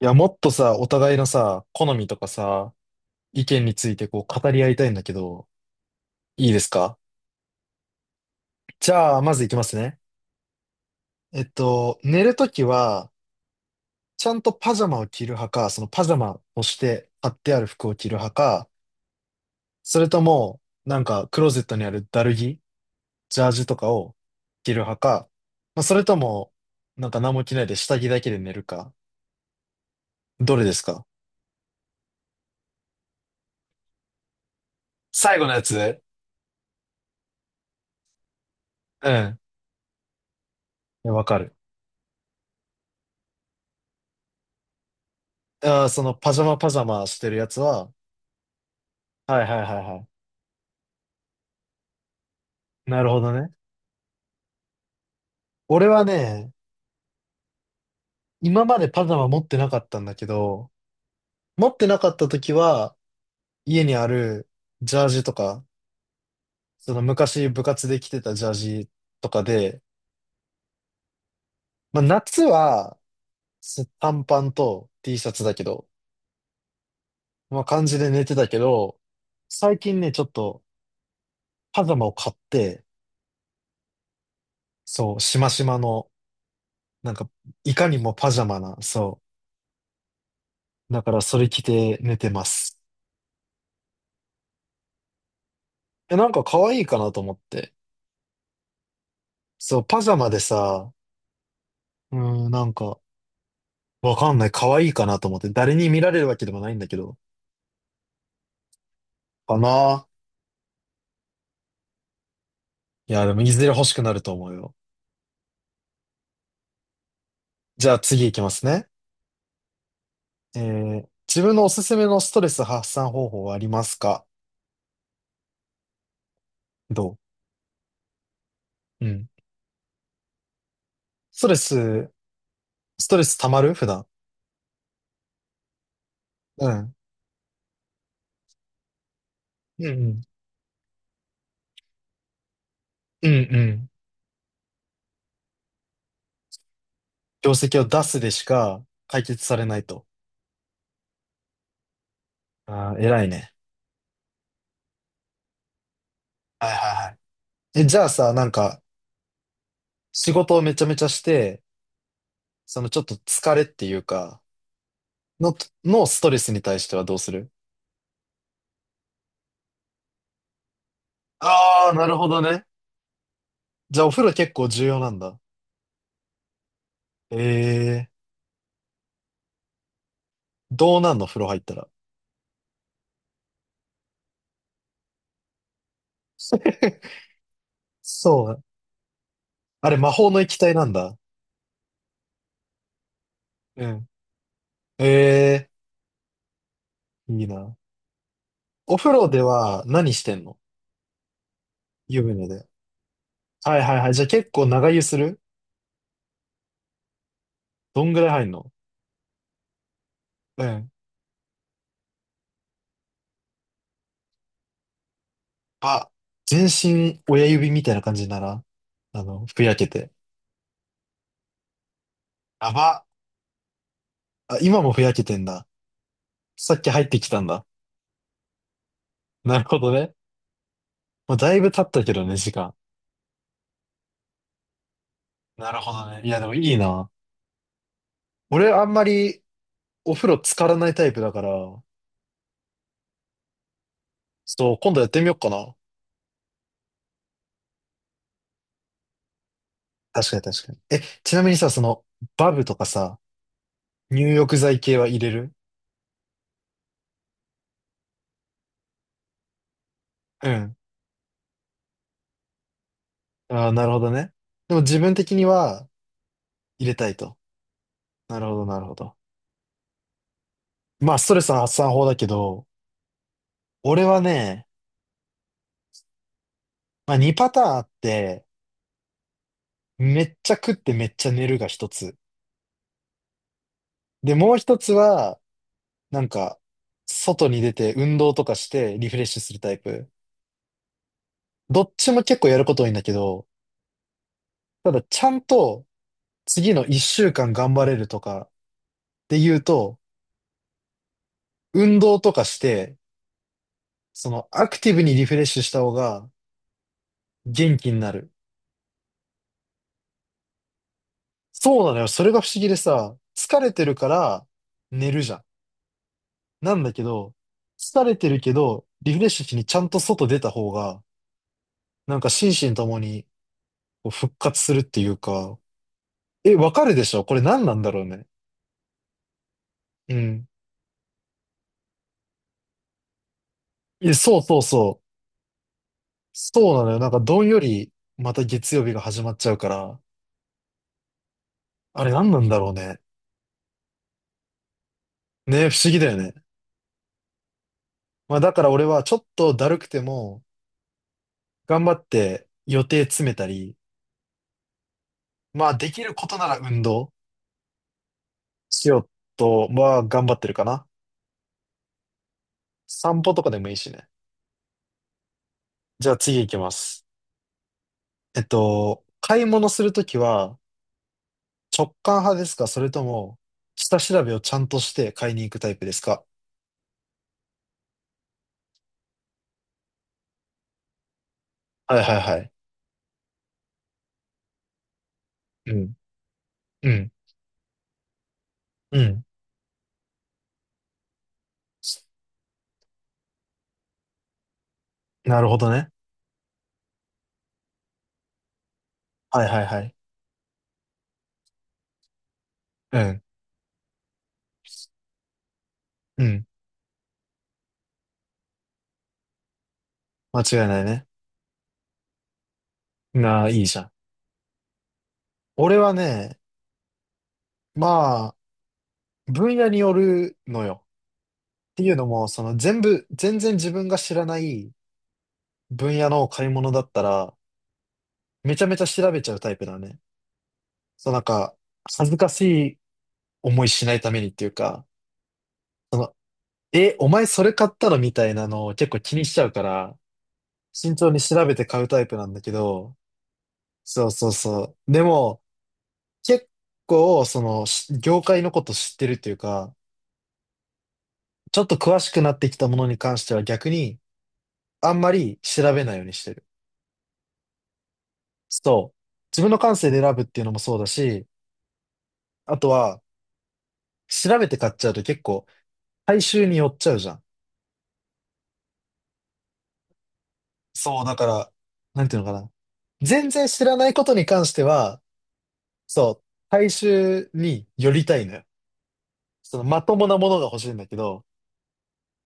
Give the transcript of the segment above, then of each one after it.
いや、もっとさ、お互いのさ、好みとかさ、意見についてこう語り合いたいんだけど、いいですか？じゃあ、まずいきますね。寝るときは、ちゃんとパジャマを着る派か、そのパジャマをして貼ってある服を着る派か、それとも、なんか、クローゼットにあるダルギ、ジャージとかを着る派か、まあ、それとも、なんか何も着ないで下着だけで寝るか、どれですか？最後のやつ、うん。いやわかる。あー、そのパジャマパジャマしてるやつは、はいはいはいはい。なるほどね。俺はね、今までパジャマ持ってなかったんだけど、持ってなかった時は、家にあるジャージとか、その昔部活で着てたジャージとかで、まあ夏は短パンと T シャツだけど、まあ感じで寝てたけど、最近ね、ちょっとパジャマを買って、そう、しましまの、なんか、いかにもパジャマな、そう。だからそれ着て寝てます。え、なんか可愛いかなと思って。そう、パジャマでさ、うーん、なんか、わかんない。可愛いかなと思って。誰に見られるわけでもないんだけど。かな、いや、でも、いずれ欲しくなると思うよ。じゃあ、次行きますね。えー、自分のおすすめのストレス発散方法はありますか？どう、うん。ストレス、ストレス溜まる普段。うん。うんうん。うんうん。業績を出すでしか解決されないと。ああ、偉いね。はいはいはい。え、じゃあさ、なんか、仕事をめちゃめちゃして、そのちょっと疲れっていうか、の、のストレスに対してはどうする？ああー、なるほどね。じゃあお風呂結構重要なんだ。ええー、どうなんの風呂入ったら。そう。あれ、魔法の液体なんだ。うん。ええー、いいな。お風呂では何してんの？湯船で。はいはいはい。じゃあ結構長湯する？どんぐらい入んの？うん。あ、全身親指みたいな感じにならん、あの、ふやけて。やば。あ、今もふやけてんだ。さっき入ってきたんだ。なるほどね。まあ、だいぶ経ったけどね、時間。なるほどね。いや、でもいいな。俺、あんまりお風呂浸からないタイプだから、そう、今度やってみようかな。確かに確かに。え、ちなみにさ、その、バブとかさ、入浴剤系は入れる？うん。ああ、なるほどね。でも自分的には入れたいと。なるほど、なるほど。まあ、ストレス発散法だけど、俺はね、まあ、2パターンあって、めっちゃ食ってめっちゃ寝るが一つ。で、もう一つは、なんか、外に出て運動とかしてリフレッシュするタイプ。どっちも結構やること多いんだけど、ただちゃんと次の一週間頑張れるとかっていうと、運動とかして、そのアクティブにリフレッシュした方が元気になる。そうなのよ。それが不思議でさ、疲れてるから寝るじゃん。なんだけど、疲れてるけど、リフレッシュしにちゃんと外出た方が、なんか心身ともにこう復活するっていうか、え、わかるでしょ？これ何なんだろうね。うん。いや、そうそうそう。そうなのよ。なんかどんよりまた月曜日が始まっちゃうから、あれ何なんだろうね。ね、不思議だよね。まあだから俺はちょっとだるくても、頑張って予定詰めたり、まあできることなら運動しようとは頑張ってるかな。散歩とかでもいいしね。じゃあ次行きます。買い物するときは直感派ですか、それとも下調べをちゃんとして買いに行くタイプですか？はいはいはい。うん。うん。うん、なるほどね。はいはいはい。うん。うん。間違いないね。なあ、いいじゃん。俺はね、まあ、分野によるのよ。っていうのも、その全然自分が知らない分野の買い物だったら、めちゃめちゃ調べちゃうタイプだね。そうなんか、恥ずかしい思いしないためにっていうか、その、え、お前それ買ったのみたいなのを結構気にしちゃうから、慎重に調べて買うタイプなんだけど、そうそうそう。でも、結構、その、業界のこと知ってるというか、ちょっと詳しくなってきたものに関しては逆に、あんまり調べないようにしてる。そう。自分の感性で選ぶっていうのもそうだし、あとは、調べて買っちゃうと結構、大衆に寄っちゃうじゃん。そう、だから、なんていうのかな。全然知らないことに関しては、そう、大衆に寄りたいのよ。その、まともなものが欲しいんだけど、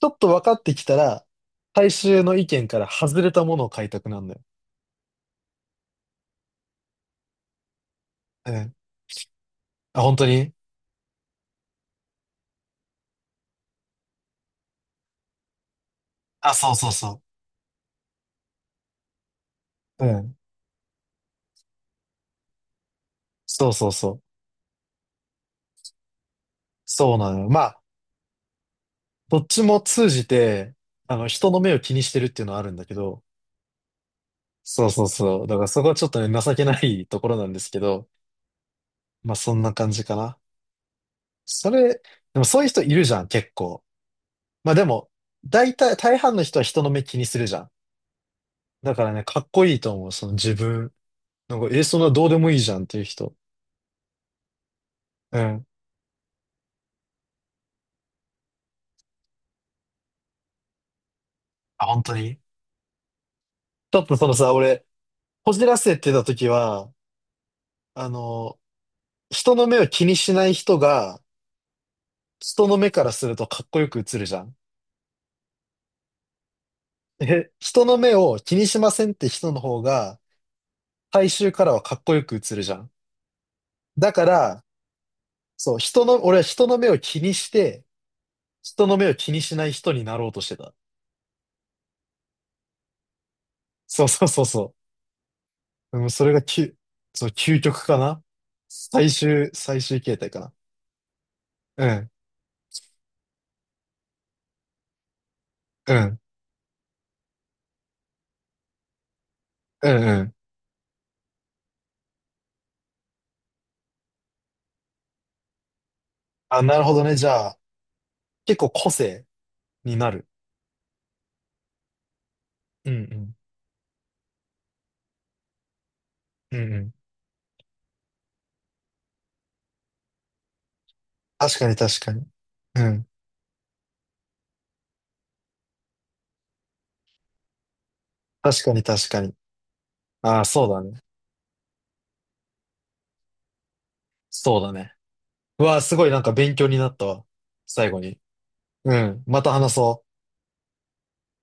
ちょっと分かってきたら、大衆の意見から外れたものを買いたくなるのよ。うん、あ、本当に、あ、そうそうそう。うん。そうそうそう。そうなのよ。まあ、どっちも通じて、あの、人の目を気にしてるっていうのはあるんだけど、そうそうそう。だからそこはちょっとね、情けないところなんですけど、まあそんな感じかな。それ、でもそういう人いるじゃん、結構。まあでも、大体、大半の人は人の目気にするじゃん。だからね、かっこいいと思う、その自分。なんか、え、そんなどうでもいいじゃんっていう人。うん。あ、本当に、ちょっとそのさ、俺、こじらせてた時は、あの、人の目を気にしない人が、人の目からするとかっこよく映るじゃん。え、人の目を気にしませんって人の方が、大衆からはかっこよく映るじゃん。だから、そう、人の、俺は人の目を気にして、人の目を気にしない人になろうとしてた。そうそうそうそう。うん、それがき、そう、究極かな。最終形態かな。うん、うん、うん、うん。あ、なるほどね。じゃあ、結構個性になる。うん、うん、うん、うん。確かに確かに。うん。確かに確かに。ああ、そうだね。そうだね。うわあ、すごいなんか勉強になったわ。最後に。うん。また話そう。